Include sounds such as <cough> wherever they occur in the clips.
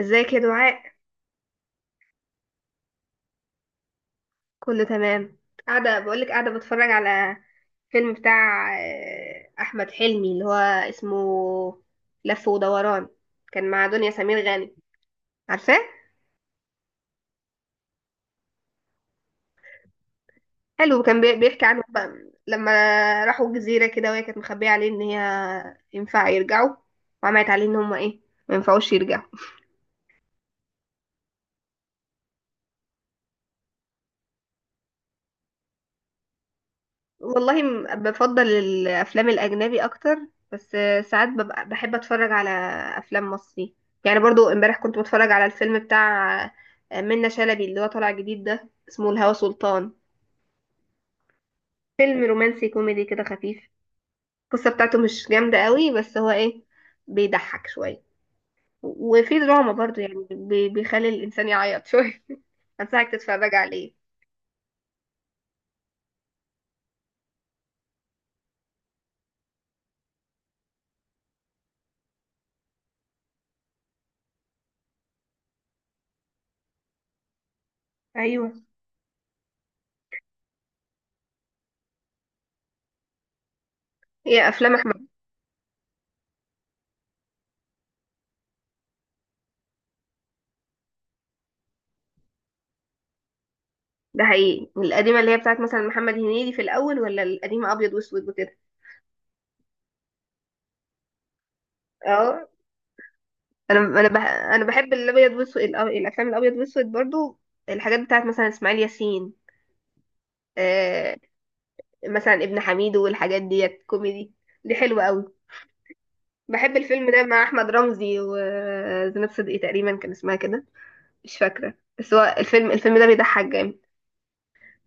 ازيك يا دعاء؟ كله تمام. قاعدة بتفرج على فيلم بتاع أحمد حلمي اللي هو اسمه لف ودوران، كان مع دنيا سمير غانم. عارفاه؟ حلو. كان بيحكي عنه بقى لما راحوا جزيرة كده، وهي كانت مخبية عليه إن هي ينفع يرجعوا، وعملت عليه إن هما إيه، ما ينفعوش يرجعوا. والله بفضل الافلام الاجنبي اكتر، بس ساعات ببقى بحب اتفرج على افلام مصري. يعني برضو امبارح كنت بتفرج على الفيلم بتاع منة شلبي اللي هو طالع جديد ده، اسمه الهوى سلطان. فيلم رومانسي كوميدي كده خفيف. القصة بتاعته مش جامدة قوي، بس هو ايه، بيضحك شوية وفي دراما برضو. يعني بيخلي الانسان يعيط شوية. <laughs> انصحك تتفرج عليه. ايوه، هي افلام احمد. ده حقيقي، القديمة اللي هي بتاعت مثلا محمد هنيدي في الاول، ولا القديمة ابيض واسود وكده؟ اه. انا بحب الابيض واسود، الافلام الابيض واسود برضو. الحاجات بتاعت مثلا اسماعيل ياسين، آه مثلا ابن حميد والحاجات ديت كوميدي، دي حلوه قوي. بحب الفيلم ده مع احمد رمزي وزينب صدقي، تقريبا كان اسمها كده، مش فاكره. بس هو الفيلم ده بيضحك جامد.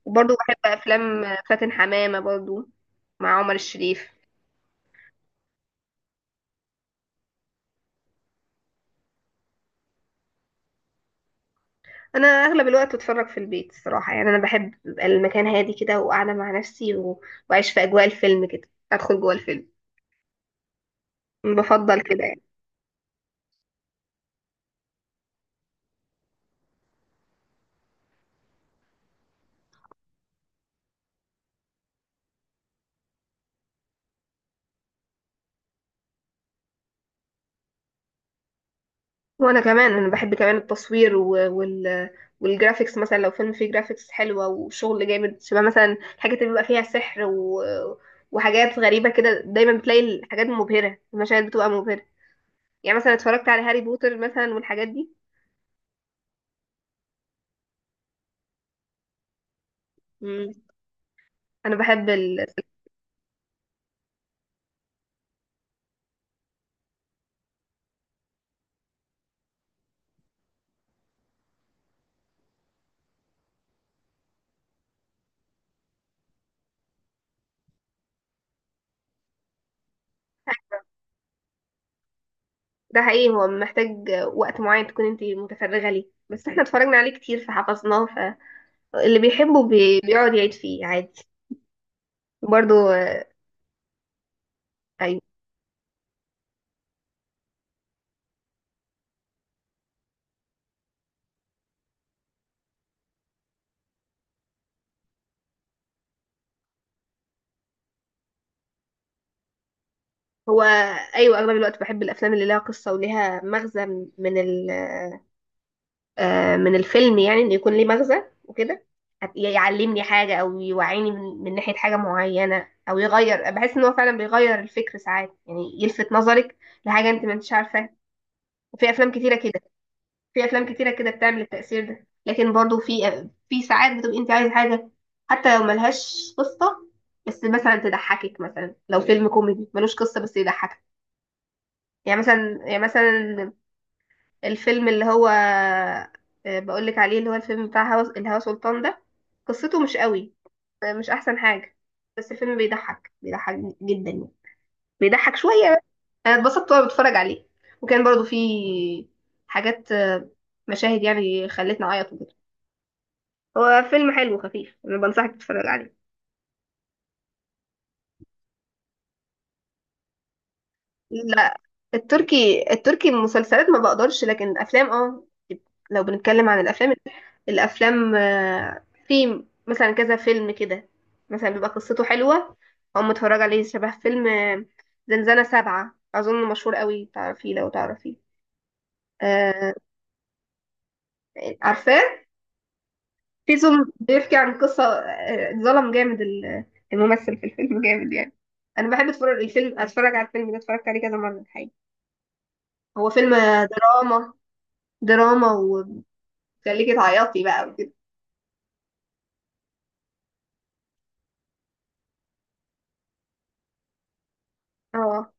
وبرضو بحب افلام فاتن حمامه برضو مع عمر الشريف. انا اغلب الوقت بتفرج في البيت الصراحه، يعني انا بحب يبقى المكان هادي كده وقاعده مع نفسي، و... واعيش في اجواء الفيلم كده، ادخل جوه الفيلم. بفضل كده يعني. وانا كمان، انا بحب كمان التصوير والجرافيكس. مثلا لو فيلم فيه جرافيكس حلوه وشغل جامد، شبه مثلا حاجه تبقى فيها سحر و... وحاجات غريبه كده، دايما بتلاقي الحاجات مبهره، المشاهد بتبقى مبهره. يعني مثلا اتفرجت على هاري بوتر مثلا والحاجات دي. مم. انا بحب ده حقيقي. هو محتاج وقت معين تكون انت متفرغه ليه، بس احنا اتفرجنا عليه كتير فحفظناه، فاللي بيحبه بيقعد يعيد فيه عادي. برضو. آه، هو ايوه، اغلب الوقت بحب الافلام اللي لها قصه وليها مغزى، من ال- آه، من الفيلم، يعني انه يكون ليه مغزى وكده، يعلمني حاجه، او يوعيني من ناحيه حاجه معينه، او يغير. بحس ان هو فعلا بيغير الفكر ساعات، يعني يلفت نظرك لحاجه انت ما انتش عارفاها. وفي افلام كتيره كده، بتعمل التاثير ده. لكن برضو في ساعات بتبقي انت عايزه حاجه حتى لو ملهاش قصه، بس مثلا تضحكك. مثلا لو فيلم كوميدي ملوش قصه بس يضحكك، يعني مثلا الفيلم اللي هو بقولك عليه، اللي هو الفيلم بتاع الهوا سلطان ده، قصته مش قوي، مش احسن حاجة، بس الفيلم بيضحك. جدا يعني، بيضحك شوية بس. انا اتبسطت وانا بتفرج عليه، وكان برضو فيه حاجات، مشاهد يعني خلتني اعيط وكده. هو فيلم حلو وخفيف، انا بنصحك تتفرج عليه. لا، التركي، المسلسلات ما بقدرش، لكن الافلام لو بنتكلم عن الافلام، الافلام في مثلا كذا فيلم كده مثلا بيبقى قصته حلوه، او متفرج عليه شبه فيلم زنزانة سبعة، اظن مشهور قوي، تعرفيه؟ لو تعرفيه، آه، عارفاه. في ظلم، بيحكي عن قصه اتظلم جامد الممثل في الفيلم <laughs> جامد يعني. انا بحب اتفرج على الفيلم ده، اتفرجت عليه كذا مره الحقيقه. هو فيلم دراما، دراما، وتخليكي تعيطي بقى وكده. اه.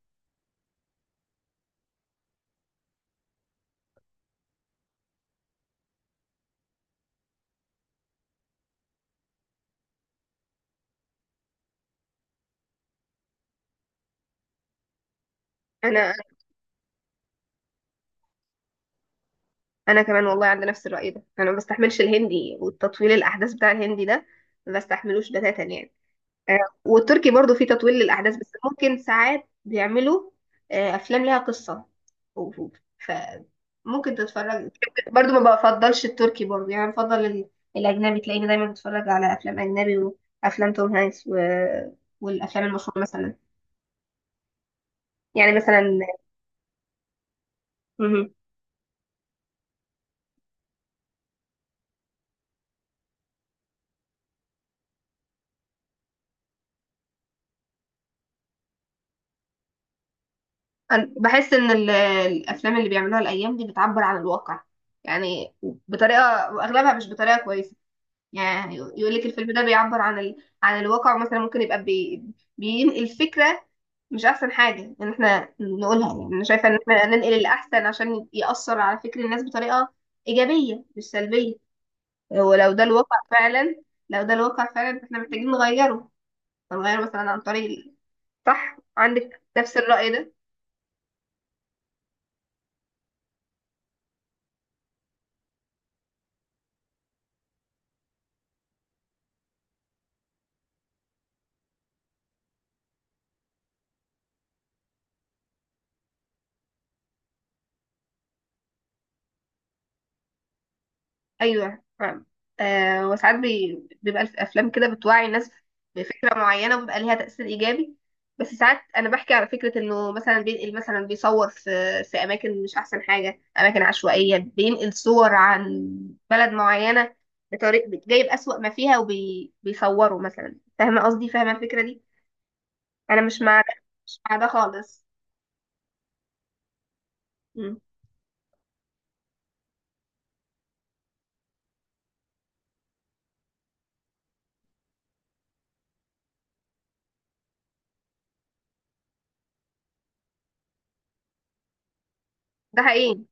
انا انا كمان والله عندي نفس الرأي ده، انا ما بستحملش الهندي، والتطويل الاحداث بتاع الهندي ده ما بستحملوش بتاتا يعني. آه، والتركي برضو فيه تطويل للاحداث، بس ممكن ساعات بيعملوا افلام ليها قصة، و- و- ف ممكن تتفرج. برضو ما بفضلش التركي برضو، يعني بفضل الاجنبي. تلاقيني دايما بتفرج على افلام اجنبي، وافلام توم هانكس، و... والافلام المشهوره مثلا. يعني مثلا، أنا بحس إن الأفلام اللي بيعملوها الأيام دي بتعبر عن الواقع، يعني بطريقة، وأغلبها مش بطريقة كويسة. يعني يقول لك الفيلم ده بيعبر عن عن الواقع، مثلا ممكن يبقى بينقل فكرة مش أحسن حاجة إن إحنا نقولها. يعني أنا شايفة إن إحنا ننقل الأحسن عشان يأثر على فكر الناس بطريقة إيجابية مش سلبية. ولو ده الواقع فعلا، إحنا محتاجين نغيره. فنغيره مثلا عن طريق صح؟ عندك نفس الرأي ده؟ ايوه فاهم. آه. وساعات بيبقى في افلام كده بتوعي الناس بفكره معينه، وبيبقى ليها تاثير ايجابي. بس ساعات انا بحكي على فكره انه مثلا بينقل، مثلا بيصور في اماكن مش احسن حاجه، اماكن عشوائيه، بينقل صور عن بلد معينه بطريق جايب اسوأ ما فيها وبيصوره مثلا. فاهمه قصدي؟ فاهمه الفكره دي؟ انا مش مع ده، مش مع ده خالص. مم. ده حقيقي.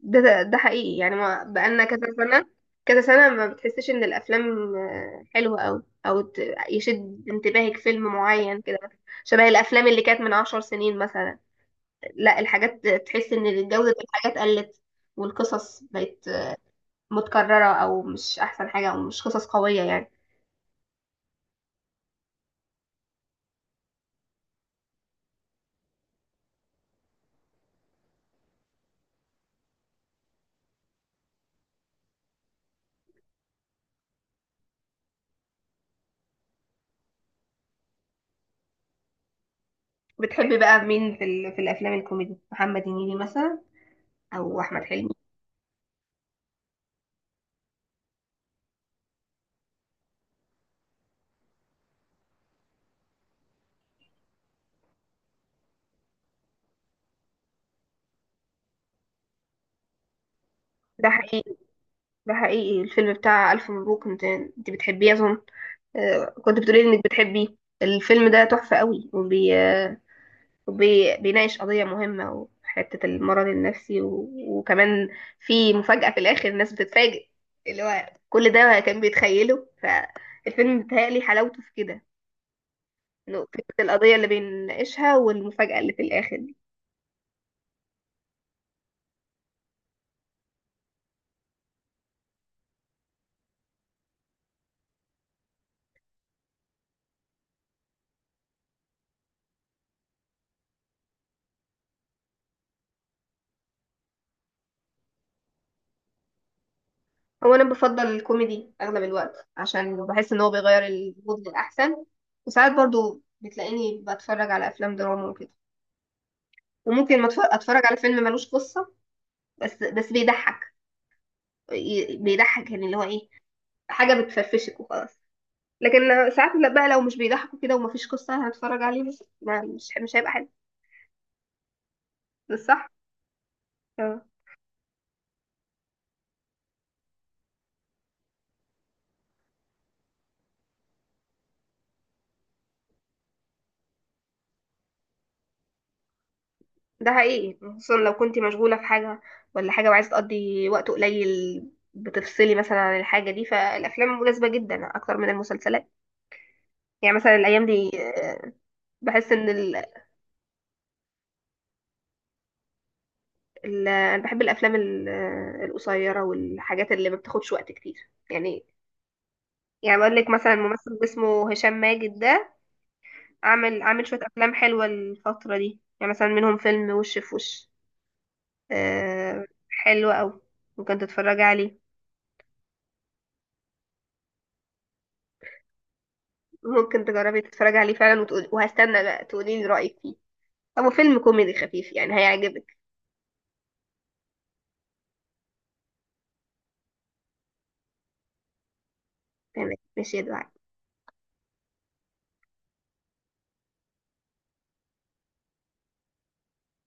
ده حقيقي يعني ما بقالنا كذا سنة، كذا سنة ما بتحسش ان الافلام حلوة اوي، او يشد انتباهك فيلم معين كده شبه الافلام اللي كانت من عشر سنين مثلا. لا، الحاجات تحس ان جودة الحاجات قلت، والقصص بقت متكررة او مش احسن حاجة، او مش قصص قوية يعني. بتحبي بقى مين في, في الافلام الكوميدي، محمد هنيدي مثلا او احمد حلمي؟ ده حقيقي، ده حقيقي. الفيلم بتاع الف مبروك، انت بتحبيه اظن. كنت بتقولي انك بتحبي الفيلم ده، تحفة قوي. بيناقش قضية مهمة، وحتة المرض النفسي، و... وكمان في مفاجأة في الآخر الناس بتتفاجئ، اللي هو كل ده كان بيتخيله. فالفيلم بيتهيألي حلاوته في كده، إنه فكرة القضية اللي بيناقشها والمفاجأة اللي في الآخر دي. هو أنا بفضل الكوميدي أغلب الوقت، عشان بحس إن هو بيغير المود للأحسن. وساعات برضو بتلاقيني بتفرج على أفلام دراما وكده، وممكن ما أتف- اتفرج على فيلم ملوش قصة، بس بيضحك، بيضحك، يعني اللي هو ايه، حاجة بتفرفشك وخلاص. لكن ساعات لا بقى، لو مش بيضحكوا كده ومفيش قصة، أنا هتفرج عليه بس ما، مش هيبقى حلو. مش صح؟ اه. ده حقيقي، خصوصا لو كنت مشغولة في حاجة ولا حاجة وعايزة تقضي وقت قليل، بتفصلي مثلا عن الحاجة دي. فالأفلام مناسبة جدا أكتر من المسلسلات. يعني مثلا الأيام دي، بحس إن أنا بحب الأفلام القصيرة والحاجات اللي ما بتاخدش وقت كتير يعني. يعني بقول لك مثلا ممثل اسمه هشام ماجد ده، عامل شوية افلام حلوة الفترة دي، يعني مثلا منهم فيلم وش في وش. آه حلو قوي. ممكن تتفرجي عليه، ممكن تجربي تتفرجي عليه فعلا وتقولي، وهستنى بقى تقولي لي رأيك فيه. هو فيلم كوميدي خفيف يعني هيعجبك. تمام، ماشي يا دعاء.